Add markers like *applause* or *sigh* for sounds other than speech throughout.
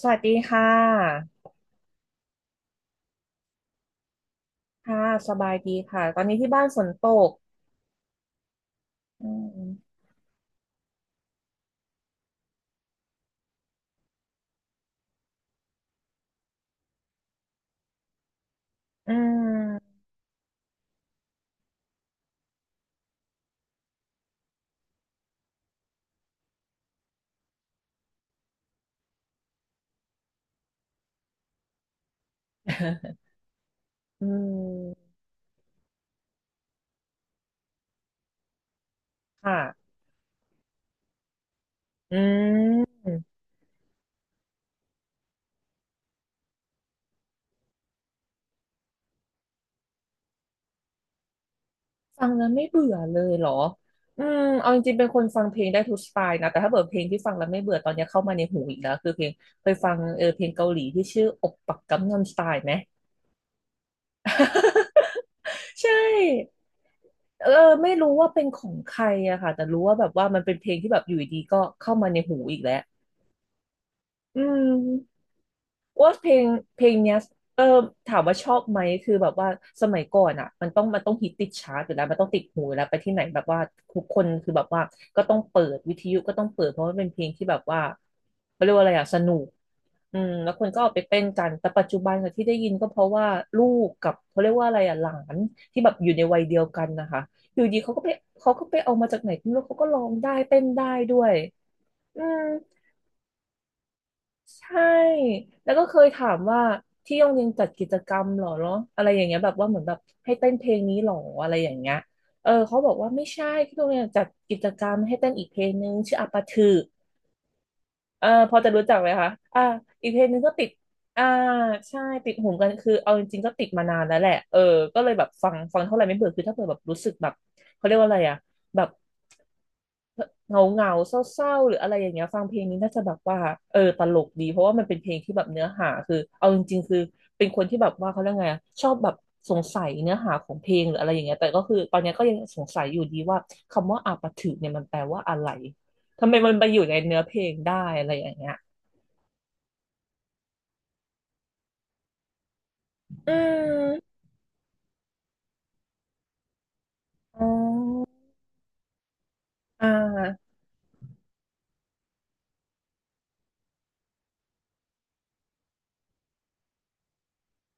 สวัสดีค่ะค่ะสบายดีค่ะตอนนี้ที่บ้านฝนตกอืมอืม *laughs* อืมค่ะอืมฟังแล้วไม่เบื่อเลยเหรออืมเอาจริงๆเป็นคนฟังเพลงได้ทุกสไตล์นะแต่ถ้าเปิดเพลงที่ฟังแล้วไม่เบื่อตอนนี้เข้ามาในหูอีกแล้วคือเพลงเคยฟังเออเพลงเกาหลีที่ชื่ออกปักกัมนัมสไตล์ไหม *laughs* ใช่เออไม่รู้ว่าเป็นของใครอะค่ะแต่รู้ว่าแบบว่ามันเป็นเพลงที่แบบอยู่ดีๆก็เข้ามาในหูอีกแล้วอืม ว่าเพลงเนี้ยเออถามว่าชอบไหมคือแบบว่าสมัยก่อนอ่ะมันต้องฮิตติดชาร์ตอยู่แล้วมันต้องติดหูอยู่แล้วไปที่ไหนแบบว่าทุกคนคือแบบว่าก็ต้องเปิดวิทยุก็ต้องเปิดเพราะว่าเป็นเพลงที่แบบว่าเขาเรียกว่าอะไรอ่ะสนุกอืมแล้วคนก็เอาไปเต้นกันแต่ปัจจุบันอะที่ได้ยินก็เพราะว่าลูกกับเขาเรียกว่าอะไรอ่ะหลานที่แบบอยู่ในวัยเดียวกันนะคะอยู่ดีเขาก็ไปเอามาจากไหนก็ไม่รู้เขาก็ร้องได้เต้นได้ด้วยอืม ใช่แล้วก็เคยถามว่าที่โรงเรียนจัดกิจกรรมเหรอเนาะอะไรอย่างเงี้ยแบบว่าเหมือนแบบให้เต้นเพลงนี้เหรออะไรอย่างเงี้ยเออเขาบอกว่าไม่ใช่ที่โรงเรียนจัดกิจกรรมให้เต้นอีกเพลงนึงชื่ออาปาถือเออพอจะรู้จักไหมคะอ่าอีกเพลงนึงก็ติดอ่าใช่ติดหูกันคือเอาจริงๆก็ติดมานานแล้วแหละเออก็เลยแบบฟังเท่าไหร่ไม่เบื่อคือถ้าเผื่อแบบรู้สึกแบบเขาเรียกว่าอะไรอะแบบ เหงาเหงาเศร้าเศร้าๆหรืออะไรอย่างเงี้ยฟังเพลงนี้น่าจะแบบว่าเออตลกดีเพราะว่ามันเป็นเพลงที่แบบเนื้อหาคือเอาจริงๆคือเป็นคนที่แบบว่าเขาเรียกไงอะชอบแบบสงสัยเนื้อหาของเพลงหรืออะไรอย่างเงี้ยแต่ก็คือตอนเนี้ยก็ยังสงสัยอยู่ดีว่าคำว่าอาปาถึกเนี่ยมันแปลว่าอะไรทำไมมันไปอยู่ในเนื้อเพลงได้อะไรอย่างเงี้ยอืมอ๋ออ่า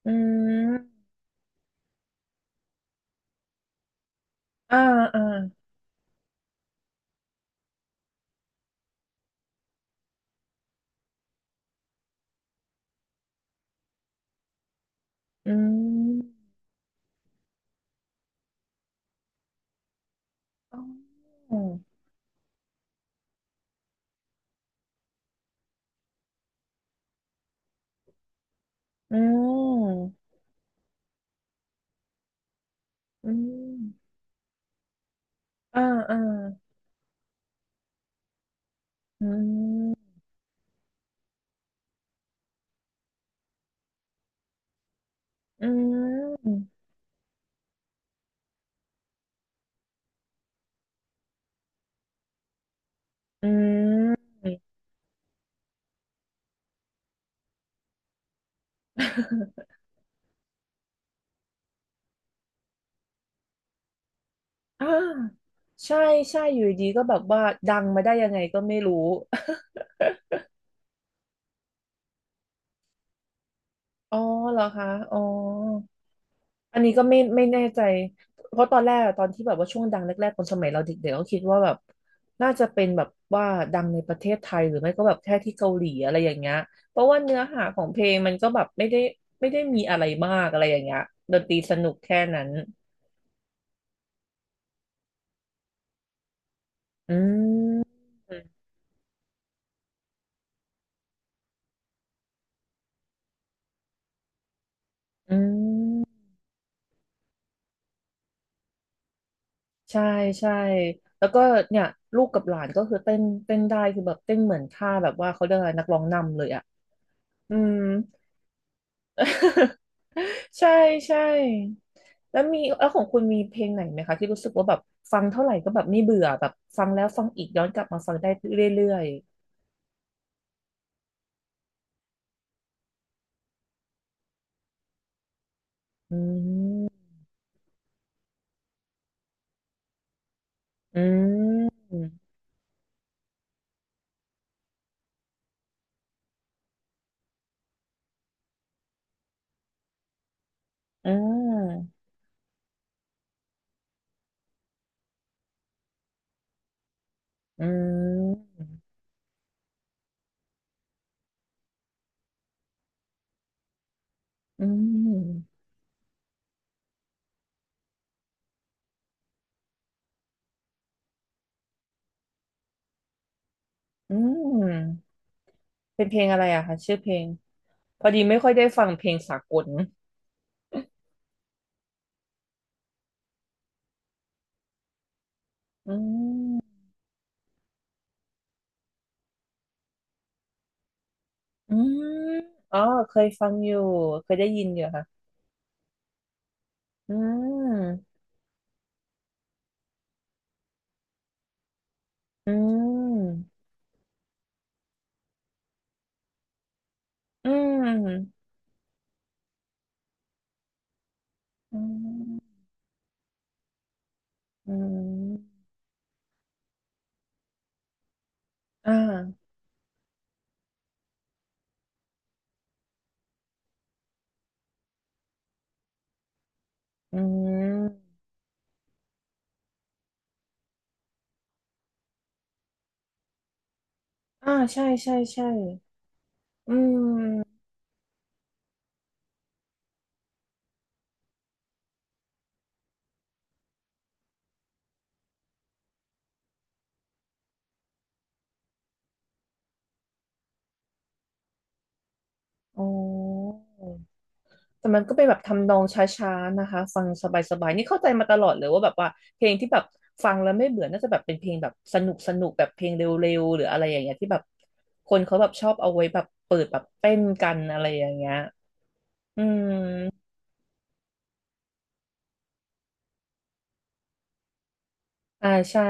อืมอ่าอ่าอืมอ๋ออืมอืมอ่าอ่า อืมอืมอืม *laughs* อ่าใช่ใช่อยู่ดีก็แบบว่าดังมาได้ยังไงก็ไม่รู้ *laughs* อ๋อเหรอคะอ๋ออันนี้ก็ไม่แน่ใจเพราะตอนแรกอะตอนที่แบบว่าช่วงดังแรกๆตอนสมัยเราเด็กๆก็คิดว่าแบบน่าจะเป็นแบบว่าดังในประเทศไทยหรือไม่ก็แบบแค่ที่เกาหลีอะไรอย่างเงี้ยเพราะว่าเนื้อหาของเพลงมันก็แบบไม่ได้มีอะไรมากอะไรอย่างเงี้ยดนตรีสนุกแค่นั้นอืมอืม ใช่ใช่แล้วก็เนี่ยลูกกับหลานก็คือเต้นได้คือแบบเต้นเหมือนท่าแบบว่าเขาเรียกอะไรนักร้องนำเลยอ่ะอืม *laughs* ใช่ใช่แล้วมีแล้วของคุณมีเพลงไหนไหมคะที่รู้สึกว่าแบบฟังเท่าไหร่ก็แบบไม่เบื่อแบบฟังแล้วฟังอีกย้อนกลับมาฟังได้เรื่อยๆอืมอืมอืมอืมอืมอืมเป็นเพลงอะไรอะคะชื่อเพลงพอดีไม่ค่อยได้ฟังเพลงสากล อืมอืมอ๋อเคยฟังอยู่เคยได้ยินอยู่ค่ะอืมอืมอืมอืมอืมอ่าอืมอ่าใช่ใช่ใช่อืมโอ้แต่มันก็เป็นแบบทำนองช้าๆนะคะฟังสบายๆนี่เข้าใจมาตลอดเลยว่าแบบว่าเพลงที่แบบฟังแล้วไม่เบื่อน่าจะแบบเป็นเพลงแบบสนุกสนุกแบบเพลงเร็วๆหรืออะไรอย่างเงี้ยที่แบบคนเขาแบบชอบเอาไว้แบบเปิดแบบเต้นกันอะไรอย่างเงี้ย อืมอ่าใช่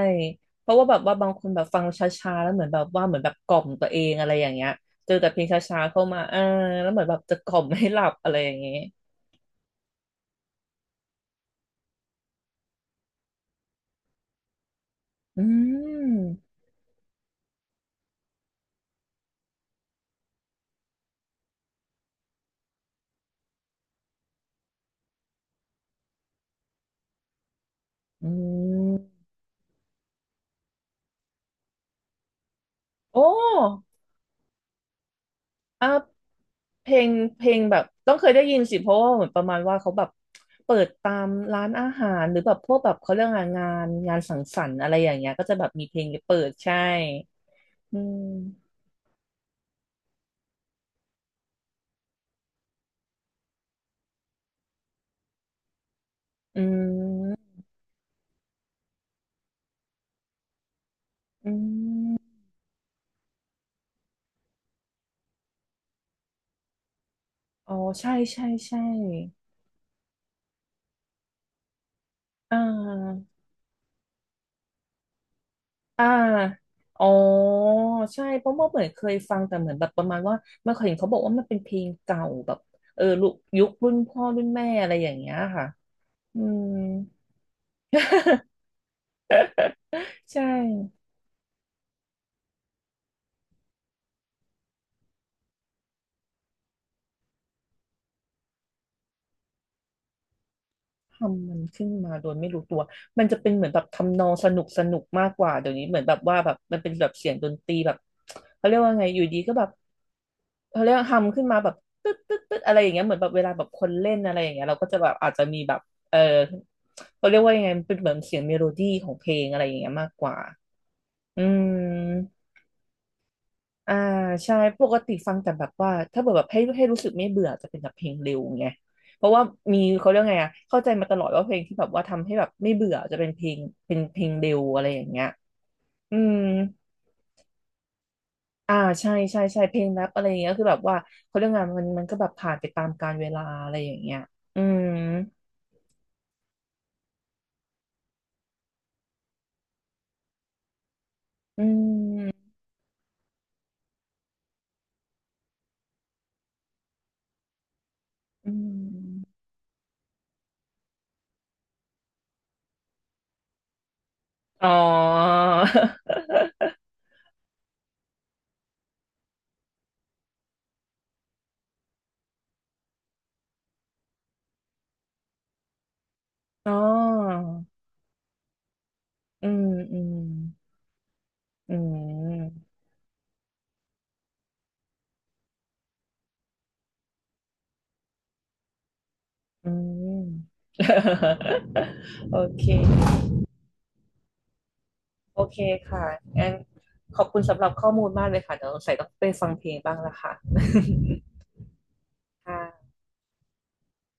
เพราะว่าแบบว่าบางคนแบบฟังช้าๆแล้วเหมือนแบบว่าเหมือนแบบกล่อมตัวเองอะไรอย่างเงี้ยเจอแต่เพลงช้าๆเข้ามาอ่าแล้วเหมือนแบบจะกล่อมให้หลับอะไรอย่างเงี้ยอืมอืมโอ้อ่ะเพลงเพลงแบบต้องเคยได้ยินสิเพราะว่าเหมือนประมาณว่าเขาแบบเปิดตามร้านอาหารหรือแบบพวกแบบเขาเรื่องงานงานสังสรรค์อะไรอย่างเงี้ยก็จะแบบมีเพลงเปิดใช่อืมอืมอืม อ๋อใช่ใช่ใช่อ่าอ่าอ๋อใช่เพราะว่าเหมือนเคยฟังแต่เหมือนแบบประมาณว่ามันเคยเห็นเขาบอกว่ามันเป็นเพลงเก่าแบบเออลุยุครุ่นพ่อรุ่นแม่อะไรอย่างเงี้ยค่ะอืม *laughs* ใช่ทำมันขึ้นมาโดยไม่รู้ตัวมันจะเป็นเหมือนแบบทำนองสนุกสนุกมากกว่าเดี๋ยวนี้เหมือนแบบว่าแบบมันเป็นแบบเสียงดนตรีแบบเขาเรียกว่าไงอยู่ดีก็แบบ เขาเรียกทำขึ้นมาแบบตึ๊ดตึ๊ดตึ๊ดอะไรอย่างเงี้ยเหมือนแบบเวลาแบบคนเล่นอะไรอย่างเงี้ยเราก็จะแบบอาจจะมีแบบเออเขาเรียกว่ายังไงมันเป็นเหมือนเสียงเมโลดี้ของเพลงอะไรอย่างเงี้ยมากกว่าอืมอ่าใช่ปกติฟังแต่แบบว่าถ้าเกิดแบบให้รู้สึกไม่เบื่อจะเป็นแบบเพลงเร็วไงเพราะว่ามีเขาเรียกไงอะเข้าใจมาตลอดว่าเพลงที่แบบว่าทำให้แบบไม่เบื่อจะเป็นเป็นเพลงเร็วอะไรอย่างเงี้ยอืม อ่าใช่ใช่ใช่เพลงแรปอะไรอย่างเงี้ยคือแบบว่าเขาเรื่องงานมันก็แบบผ่านไปตามกาลเวลาอะไรอย่างเงี้ยอืมอืมอืมอ๋อ *laughs* อ๋ออืมอืมอืมอืม *laughs* โอเคโอเคค่ะงั้นขอบคุณสำหรับข้อมูลมากเลยค่ะเดี๋ยวใส่ต้องไปฟังเพลงบ้างละค่ะ *laughs* ค่ะ